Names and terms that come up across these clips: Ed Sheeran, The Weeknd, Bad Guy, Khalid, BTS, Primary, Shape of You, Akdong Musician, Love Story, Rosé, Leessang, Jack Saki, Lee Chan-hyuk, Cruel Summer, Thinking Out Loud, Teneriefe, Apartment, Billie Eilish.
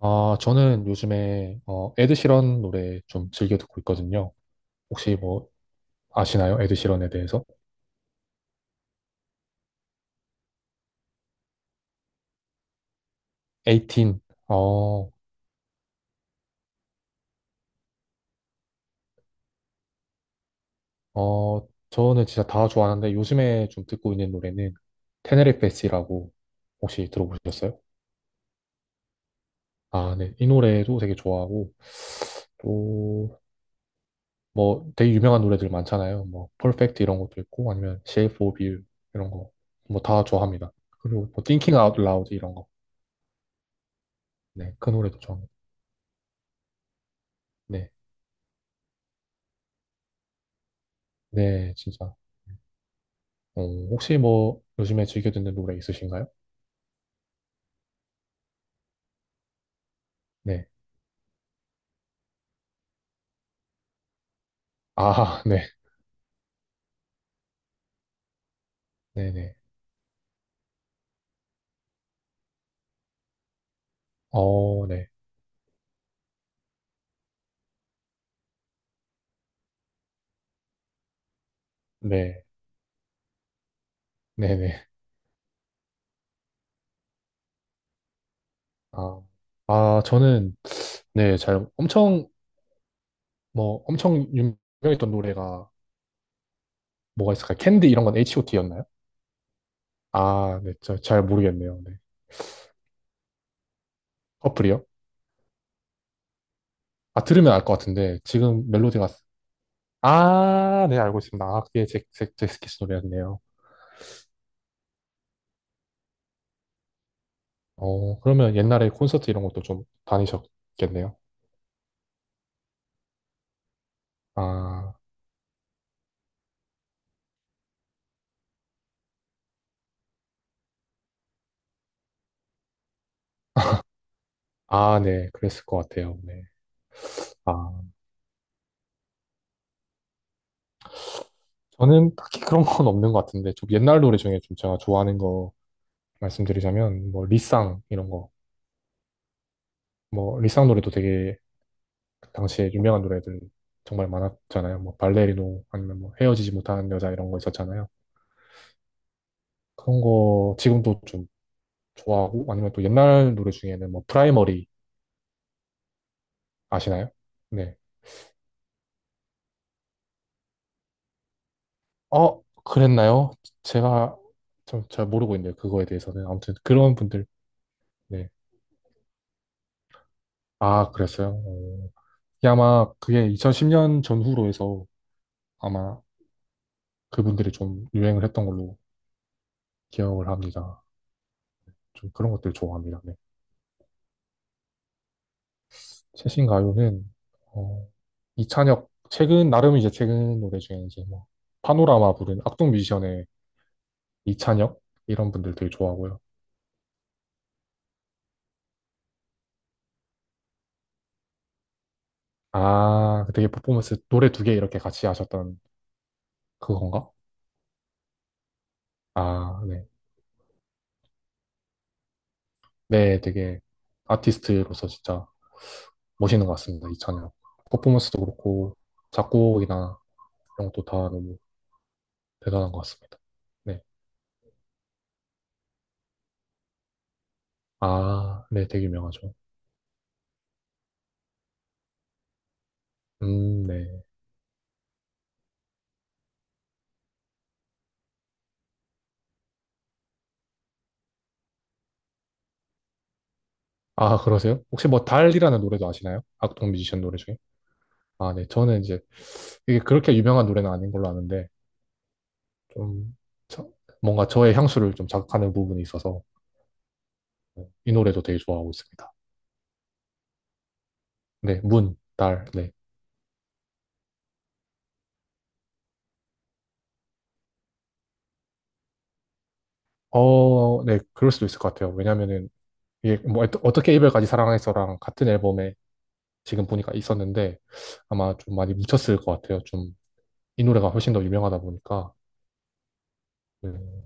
아, 저는 요즘에 에드시런 노래 좀 즐겨 듣고 있거든요. 혹시 뭐 아시나요? 에드시런에 대해서? 18. 어, 저는 진짜 다 좋아하는데 요즘에 좀 듣고 있는 노래는 테네리fe 라고 혹시 들어보셨어요? 아, 네. 이 노래도 되게 좋아하고 또 뭐 되게 유명한 노래들 많잖아요. 뭐 퍼펙트 이런 것도 있고 아니면 Shape of You 이런 거 뭐 다 좋아합니다. 그리고 뭐 Thinking Out Loud 이런 거. 네. 그 노래도 좋아합니다. 네. 네, 진짜. 어, 혹시 뭐 요즘에 즐겨 듣는 노래 있으신가요? 네. 아, 네. 네네. 어, 네. 네. 네네. 아, 저는, 네, 잘, 엄청, 뭐, 엄청 유명했던 노래가 뭐가 있을까요? 캔디 이런 건 H.O.T.였나요? 아, 네. 저, 잘 모르겠네요. 네. 커플이요? 아, 들으면 알 것 같은데, 지금 멜로디가, 아, 네, 알고 있습니다. 아, 그게 잭스키스 노래였네요. 어, 그러면 옛날에 콘서트 이런 것도 좀 다니셨겠네요. 아, 아, 네, 그랬을 것 같아요. 네. 아, 저는 딱히 그런 건 없는 것 같은데, 좀 옛날 노래 중에 좀 제가 좋아하는 거 말씀드리자면, 뭐, 리쌍, 이런 거. 뭐, 리쌍 노래도 되게, 그 당시에 유명한 노래들 정말 많았잖아요. 뭐, 발레리노, 아니면 뭐, 헤어지지 못하는 여자 이런 거 있었잖아요. 그런 거 지금도 좀 좋아하고, 아니면 또 옛날 노래 중에는 뭐, 프라이머리 아시나요? 네. 어, 그랬나요? 제가 좀 잘 모르고 있는데, 그거에 대해서는. 아무튼 그런 분들, 네. 아, 그랬어요? 어. 이게 아마 그게 2010년 전후로 해서 아마 그분들이 좀 유행을 했던 걸로 기억을 합니다. 좀 그런 것들 좋아합니다. 네. 최신 가요는 어, 이찬혁 최근 나름 이제 최근 노래 중에 이제 뭐 파노라마 부른 악동 뮤지션의 이찬혁 이런 분들 되게 좋아하고요. 아, 그 되게 퍼포먼스 노래 두 개 이렇게 같이 하셨던 그건가? 아, 네. 네, 되게 아티스트로서 진짜 멋있는 것 같습니다. 이찬혁 퍼포먼스도 그렇고 작곡이나 이런 것도 다 너무 대단한 것 같습니다. 네. 아, 네, 되게 유명하죠. 네. 아, 그러세요? 혹시 뭐 달이라는 노래도 아시나요? 악동 뮤지션 노래 중에? 아, 네. 저는 이제 이게 그렇게 유명한 노래는 아닌 걸로 아는데 좀 저- 뭔가 저의 향수를 좀 자극하는 부분이 있어서 이 노래도 되게 좋아하고 있습니다. 네, 문, 달, 네. 어, 네, 그럴 수도 있을 것 같아요. 왜냐면은 이게 뭐 어떻게 이별까지 사랑해서랑 같은 앨범에 지금 보니까 있었는데 아마 좀 많이 묻혔을 것 같아요. 좀 이 노래가 훨씬 더 유명하다 보니까. 네.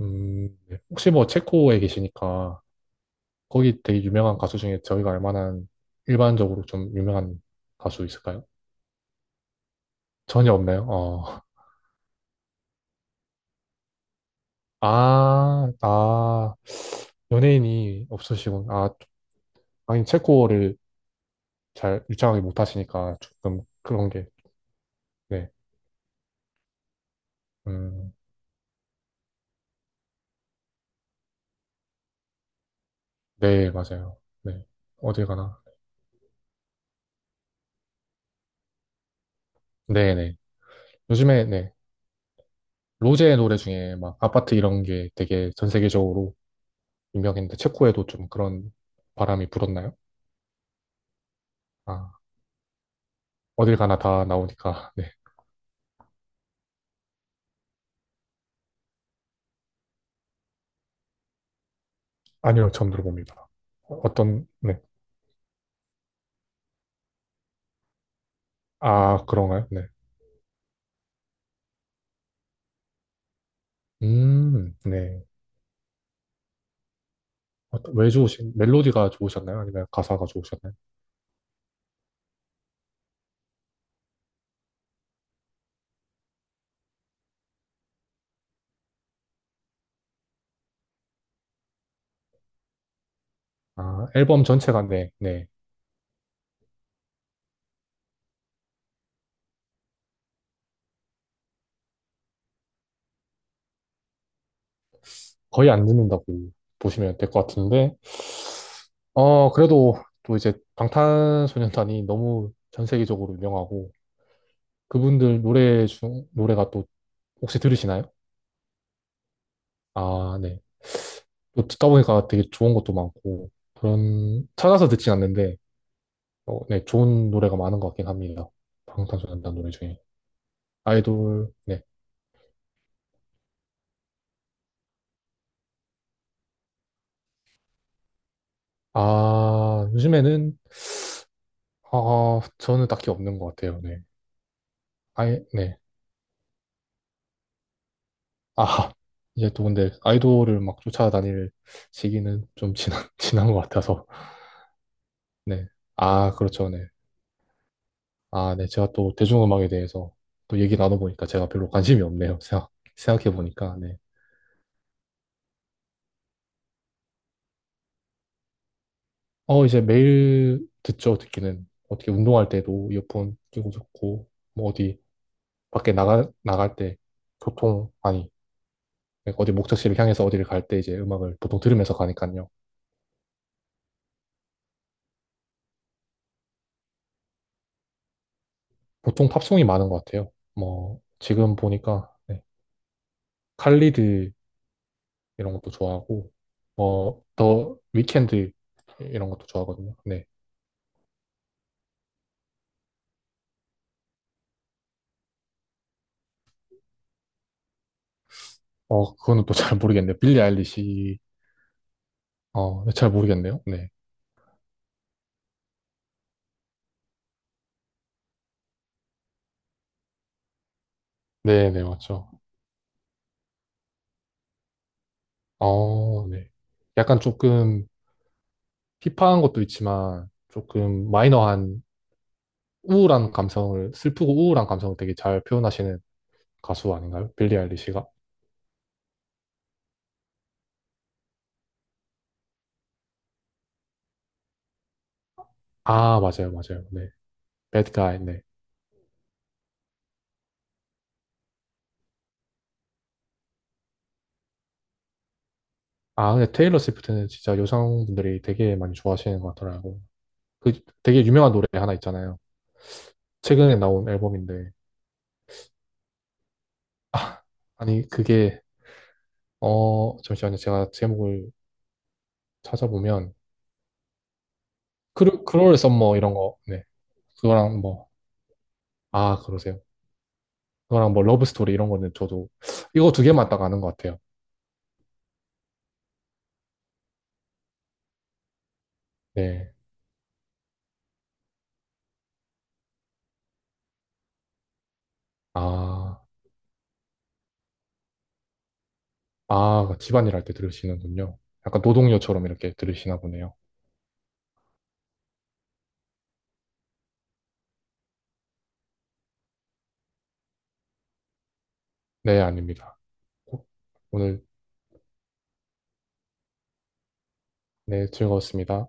네. 혹시 뭐 체코에 계시니까 거기 되게 유명한 가수 중에 저희가 알만한 일반적으로 좀 유명한 가수 있을까요? 전혀 없나요? 어. 아, 아, 연예인이 없으시군. 아, 아니, 체코어를 잘 유창하게 못하시니까 조금 그런 게, 네. 음, 네, 맞아요. 네. 어딜 가나? 네네. 요즘에, 네. 로제 노래 중에 막 아파트 이런 게 되게 전 세계적으로 유명했는데 체코에도 좀 그런 바람이 불었나요? 아. 어딜 가나 다 나오니까. 네. 아니요, 처음 들어봅니다. 어떤, 네. 아, 그런가요? 네. 네. 왜 좋으신, 멜로디가 좋으셨나요? 아니면 가사가 좋으셨나요? 아, 앨범 전체가, 네, 네. 거의 안 듣는다고 보시면 될 것 같은데, 어, 그래도 또 이제 방탄소년단이 너무 전 세계적으로 유명하고, 그분들 노래가 또 혹시 들으시나요? 아, 네. 또 듣다 보니까 되게 좋은 것도 많고, 그런, 찾아서 듣진 않는데, 어, 네, 좋은 노래가 많은 것 같긴 합니다. 방탄소년단 노래 중에. 아이돌, 네. 아, 요즘에는, 아, 저는 딱히 없는 것 같아요. 네. 아이, 네. 아, 이제 또 근데 아이돌을 막 쫓아다닐 시기는 좀 지난, 지난 것 같아서. 네. 아, 그렇죠. 네. 아, 네. 제가 또 대중음악에 대해서 또 얘기 나눠보니까 제가 별로 관심이 없네요. 생각해보니까. 네. 어, 이제 매일 듣죠. 듣기는. 어떻게 운동할 때도 이어폰 끼고 듣고, 뭐 어디, 밖에 나갈 때 보통, 아니, 어디 목적지를 향해서 어디를 갈 때 이제 음악을 보통 들으면서 가니까요. 보통 팝송이 많은 것 같아요. 뭐, 지금 보니까, 네, 칼리드 이런 것도 좋아하고, 뭐, 더 위켄드 이런 것도 좋아하거든요. 네. 어, 그거는 또 잘 모르겠네요. 빌리 아일리시, 어, 네, 잘 모르겠네요. 네. 네, 네, 맞죠. 어, 네. 약간 조금 힙한 것도 있지만, 조금 마이너한 우울한 감성을, 슬프고 우울한 감성을 되게 잘 표현하시는 가수 아닌가요? 빌리 아일리시가? 아, 맞아요, 맞아요. 네. 배드 가이, 네. 아, 근데 테일러 스위프트는 진짜 여성분들이 되게 많이 좋아하시는 것 같더라고요. 그 되게 유명한 노래 하나 있잖아요. 최근에 나온 앨범인데. 아, 아니, 그게, 어, 잠시만요. 제가 제목을 찾아보면, 크롤 썸머 이런 거, 네. 그거랑 뭐, 아, 그러세요. 그거랑 뭐, 러브 스토리 이런 거는 저도, 이거 두 개만 딱 아는 것 같아요. 네. 아. 아, 집안일 할 때 들으시는군요. 약간 노동요처럼 이렇게 들으시나 보네요. 네, 아닙니다. 오늘 네, 즐거웠습니다.